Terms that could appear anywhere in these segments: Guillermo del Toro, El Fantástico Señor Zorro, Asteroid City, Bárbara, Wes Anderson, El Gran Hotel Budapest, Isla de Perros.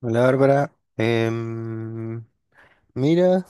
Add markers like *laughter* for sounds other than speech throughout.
Hola Bárbara, mira,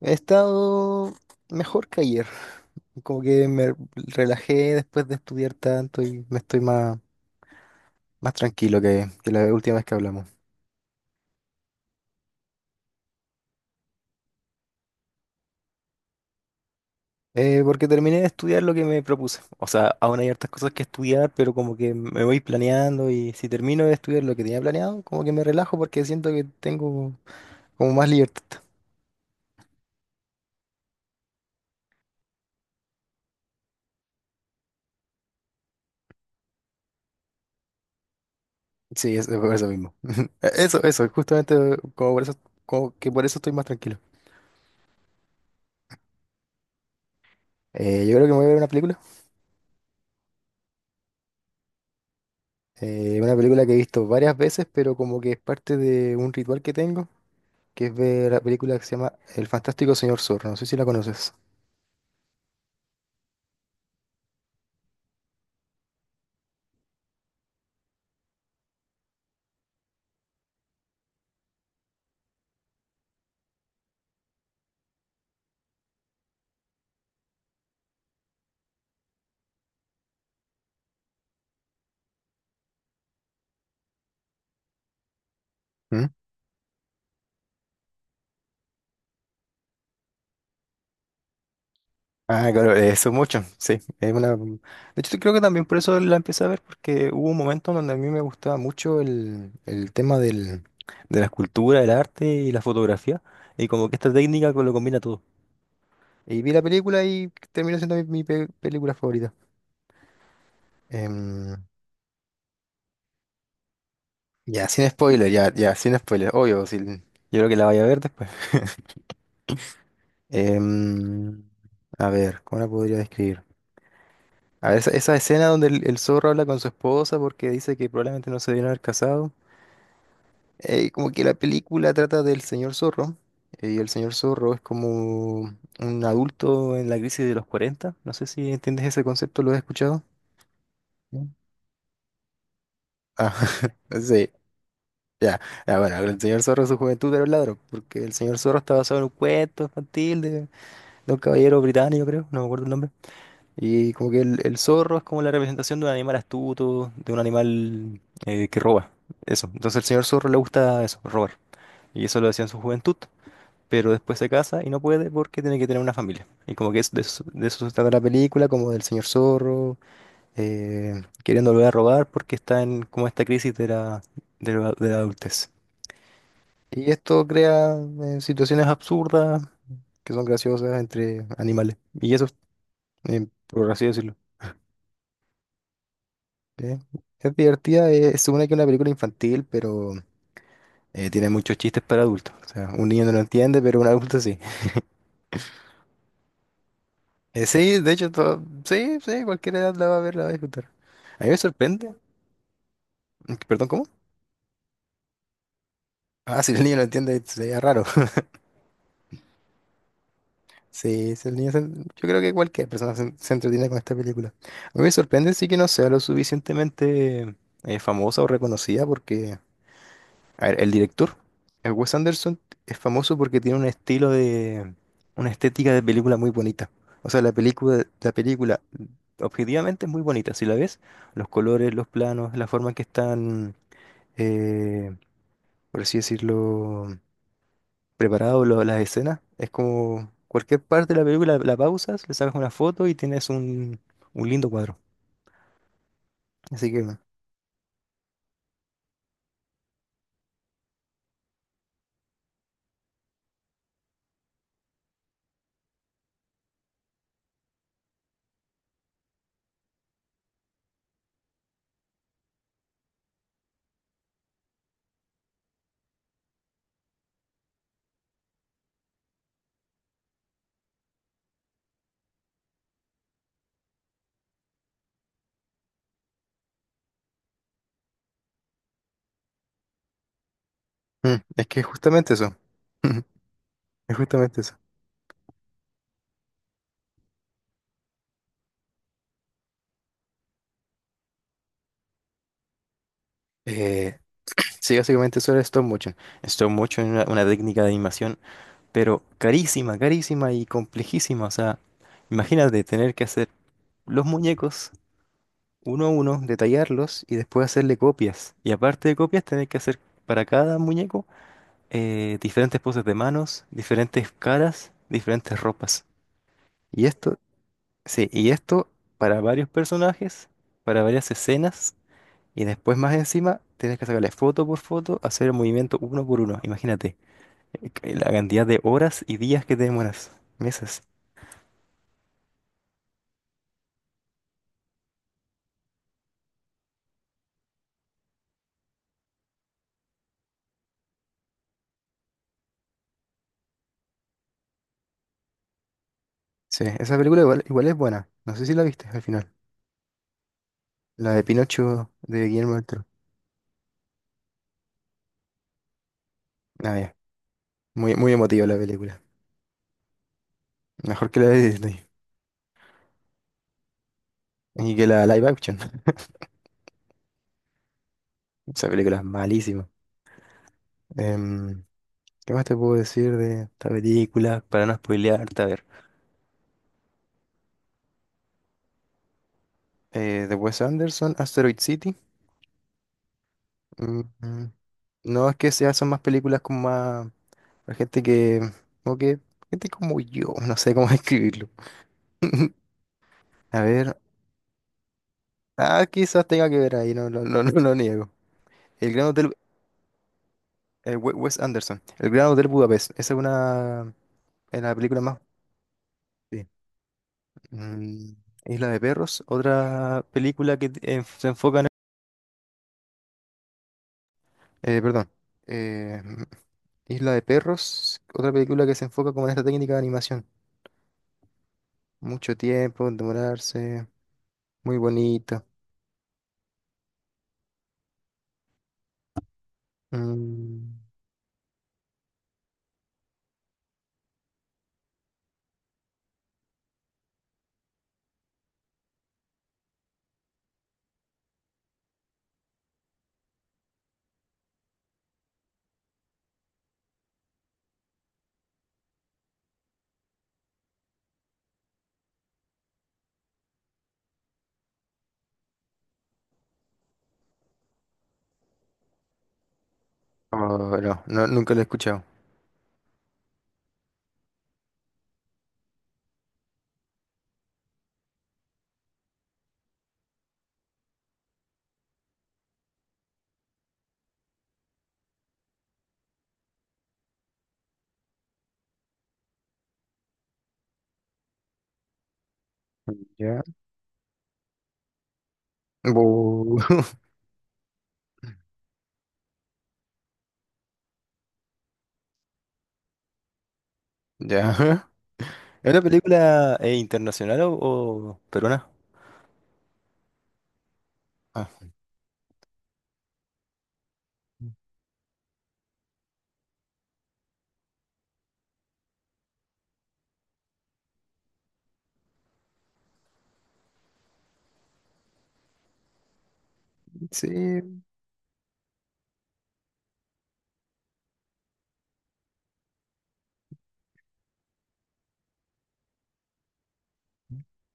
he estado mejor que ayer, como que me relajé después de estudiar tanto y me estoy más, más tranquilo que la última vez que hablamos. Porque terminé de estudiar lo que me propuse, o sea, aún hay hartas cosas que estudiar, pero como que me voy planeando y si termino de estudiar lo que tenía planeado, como que me relajo porque siento que tengo como más libertad. Sí, eso, por eso mismo. *laughs* Eso, justamente como por eso, como que por eso estoy más tranquilo. Yo creo que me voy a ver una película. Una película que he visto varias veces, pero como que es parte de un ritual que tengo, que es ver la película que se llama El Fantástico Señor Zorro. No sé si la conoces. ¿Mm? Ah, claro, eso mucho, sí. Es una... De hecho, creo que también por eso la empecé a ver, porque hubo un momento donde a mí me gustaba mucho el tema de la escultura, el arte y la fotografía, y como que esta técnica co- lo combina todo. Y vi la película y terminó siendo mi pe- película favorita. Em, Ya, sin spoiler, ya, ya, sin spoiler, obvio, sí, yo creo que la vaya a ver después. *laughs* Em, a ver, ¿cómo la podría describir? A ver, esa escena donde el zorro habla con su esposa porque dice que probablemente no se debieron haber casado. Como que la película trata del señor zorro, y el señor zorro es como un adulto en la crisis de los cuarenta. No sé si entiendes ese concepto, ¿lo has escuchado? ¿No? Ah, *laughs* sí. Ya, ya, bueno, el señor Zorro en su juventud era un ladrón, porque el señor Zorro está basado en un cuento infantil de un caballero británico, creo, no me acuerdo el nombre. Y como que el zorro es como la representación de un animal astuto, de un animal que roba. Eso. Entonces al señor zorro le gusta eso, robar. Y eso lo hacía en su juventud. Pero después se casa y no puede porque tiene que tener una familia. Y como que es de eso se trata la película, como del señor zorro, queriendo volver a robar porque está en como esta crisis de la, de la adultez. Y esto crea situaciones absurdas que son graciosas entre animales. Y eso por así decirlo. Eh, es divertida, se supone que es una película infantil, pero tiene muchos chistes para adultos. O sea, un niño no lo entiende, pero un adulto sí. Sí, de hecho, todo, sí, sí, cualquier edad la va a ver, la va a disfrutar. A mí me sorprende. Mm, perdón, ¿cómo? Ah, si el niño lo entiende, sería raro. *laughs* Sí, si el niño se- yo creo que cualquier persona se entretiene con esta película. A mí me sorprende sí que no sea lo suficientemente famosa o reconocida porque a ver, el director, el Wes Anderson, es famoso porque tiene un estilo de, una estética de película muy bonita. O sea, la película objetivamente es muy bonita. Si la ves, los colores, los planos, la forma en que están, eh, por así decirlo, preparados lo- las escenas, es como cualquier parte de la película la pausas, le sacas una foto y tienes un lindo cuadro. Así que, mm, es que es justamente eso. *laughs* Es justamente eso. Eh, Sí, básicamente eso era stop motion. Stop motion era una técnica de animación, pero carísima, carísima y complejísima. O sea, imagínate tener que hacer los muñecos uno a uno, detallarlos y después hacerle copias. Y aparte de copias, tener que hacer para cada muñeco diferentes poses de manos, diferentes caras, diferentes ropas. Y esto, sí, y esto para varios personajes, para varias escenas. Y después más encima, tienes que sacarle foto por foto, hacer el movimiento uno por uno. Imagínate. *laughs* La cantidad de horas y días que te demoras. Meses. Sí, esa película igual, igual es buena. No sé si la viste al final. La de Pinocho de Guillermo del Toro. Ah, ya. Muy, muy emotiva la película. Mejor que la de Disney. Y que la live action. *laughs* Esa película es malísima. Em, ¿Qué más te puedo decir de esta película? Para no spoilearte, a ver. De Wes Anderson, Asteroid City. Mm, mm. No es que se hacen más películas como más... Para gente que... Como que... Gente como yo. No sé cómo *laughs* describirlo. *laughs* A ver, ah, quizás tenga que ver ahí, no, no, no, *laughs* no lo niego. El Gran Hotel, el Wes Anderson, El Gran Hotel Budapest, esa es una, es la película más... Sí. Mm, Isla de Perros, otra película que se enfoca en... perdón, eh, Isla de Perros, otra película que se enfoca como en esta técnica de animación. Mucho tiempo, en demorarse, muy bonita. Mm, ah, no, no, nunca la he escuchado. Ya. Bu- *laughs* Ya. ¿Es una película internacional o peruana? Ah, sí,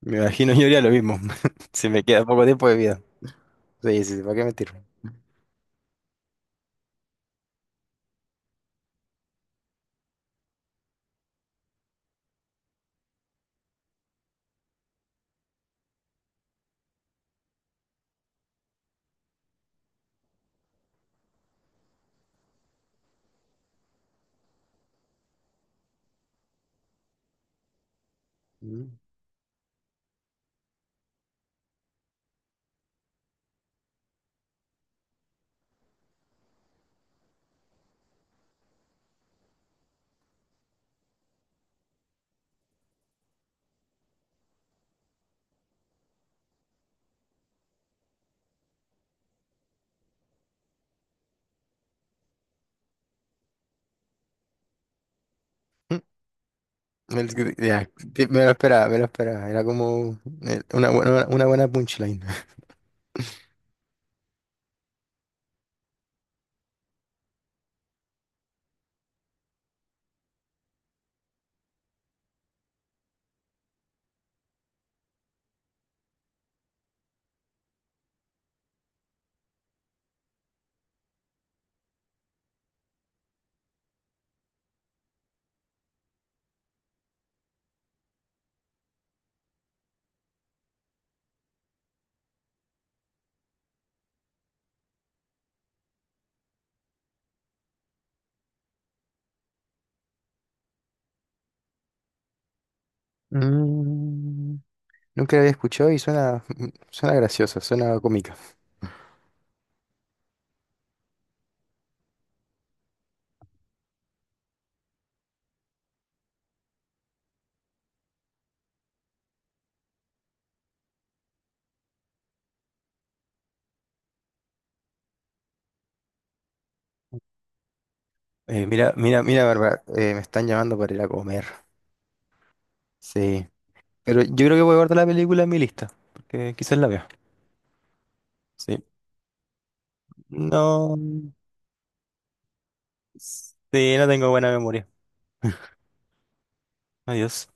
me imagino yo haría lo mismo. *laughs* Si me queda poco tiempo de vida. Sí, sí, sí, ¿para qué mentir? Mm. Mm, el- que- ya, sí, me lo esperaba, me lo esperaba. Era como una buena punchline. *laughs* Mm, nunca la había escuchado y suena, suena graciosa, suena cómica. Mira, mira, mira, Bárbara, me están llamando para ir a comer. Sí, pero yo creo que voy a guardar la película en mi lista, porque quizás la vea. Sí, no. Sí, no tengo buena memoria. Adiós.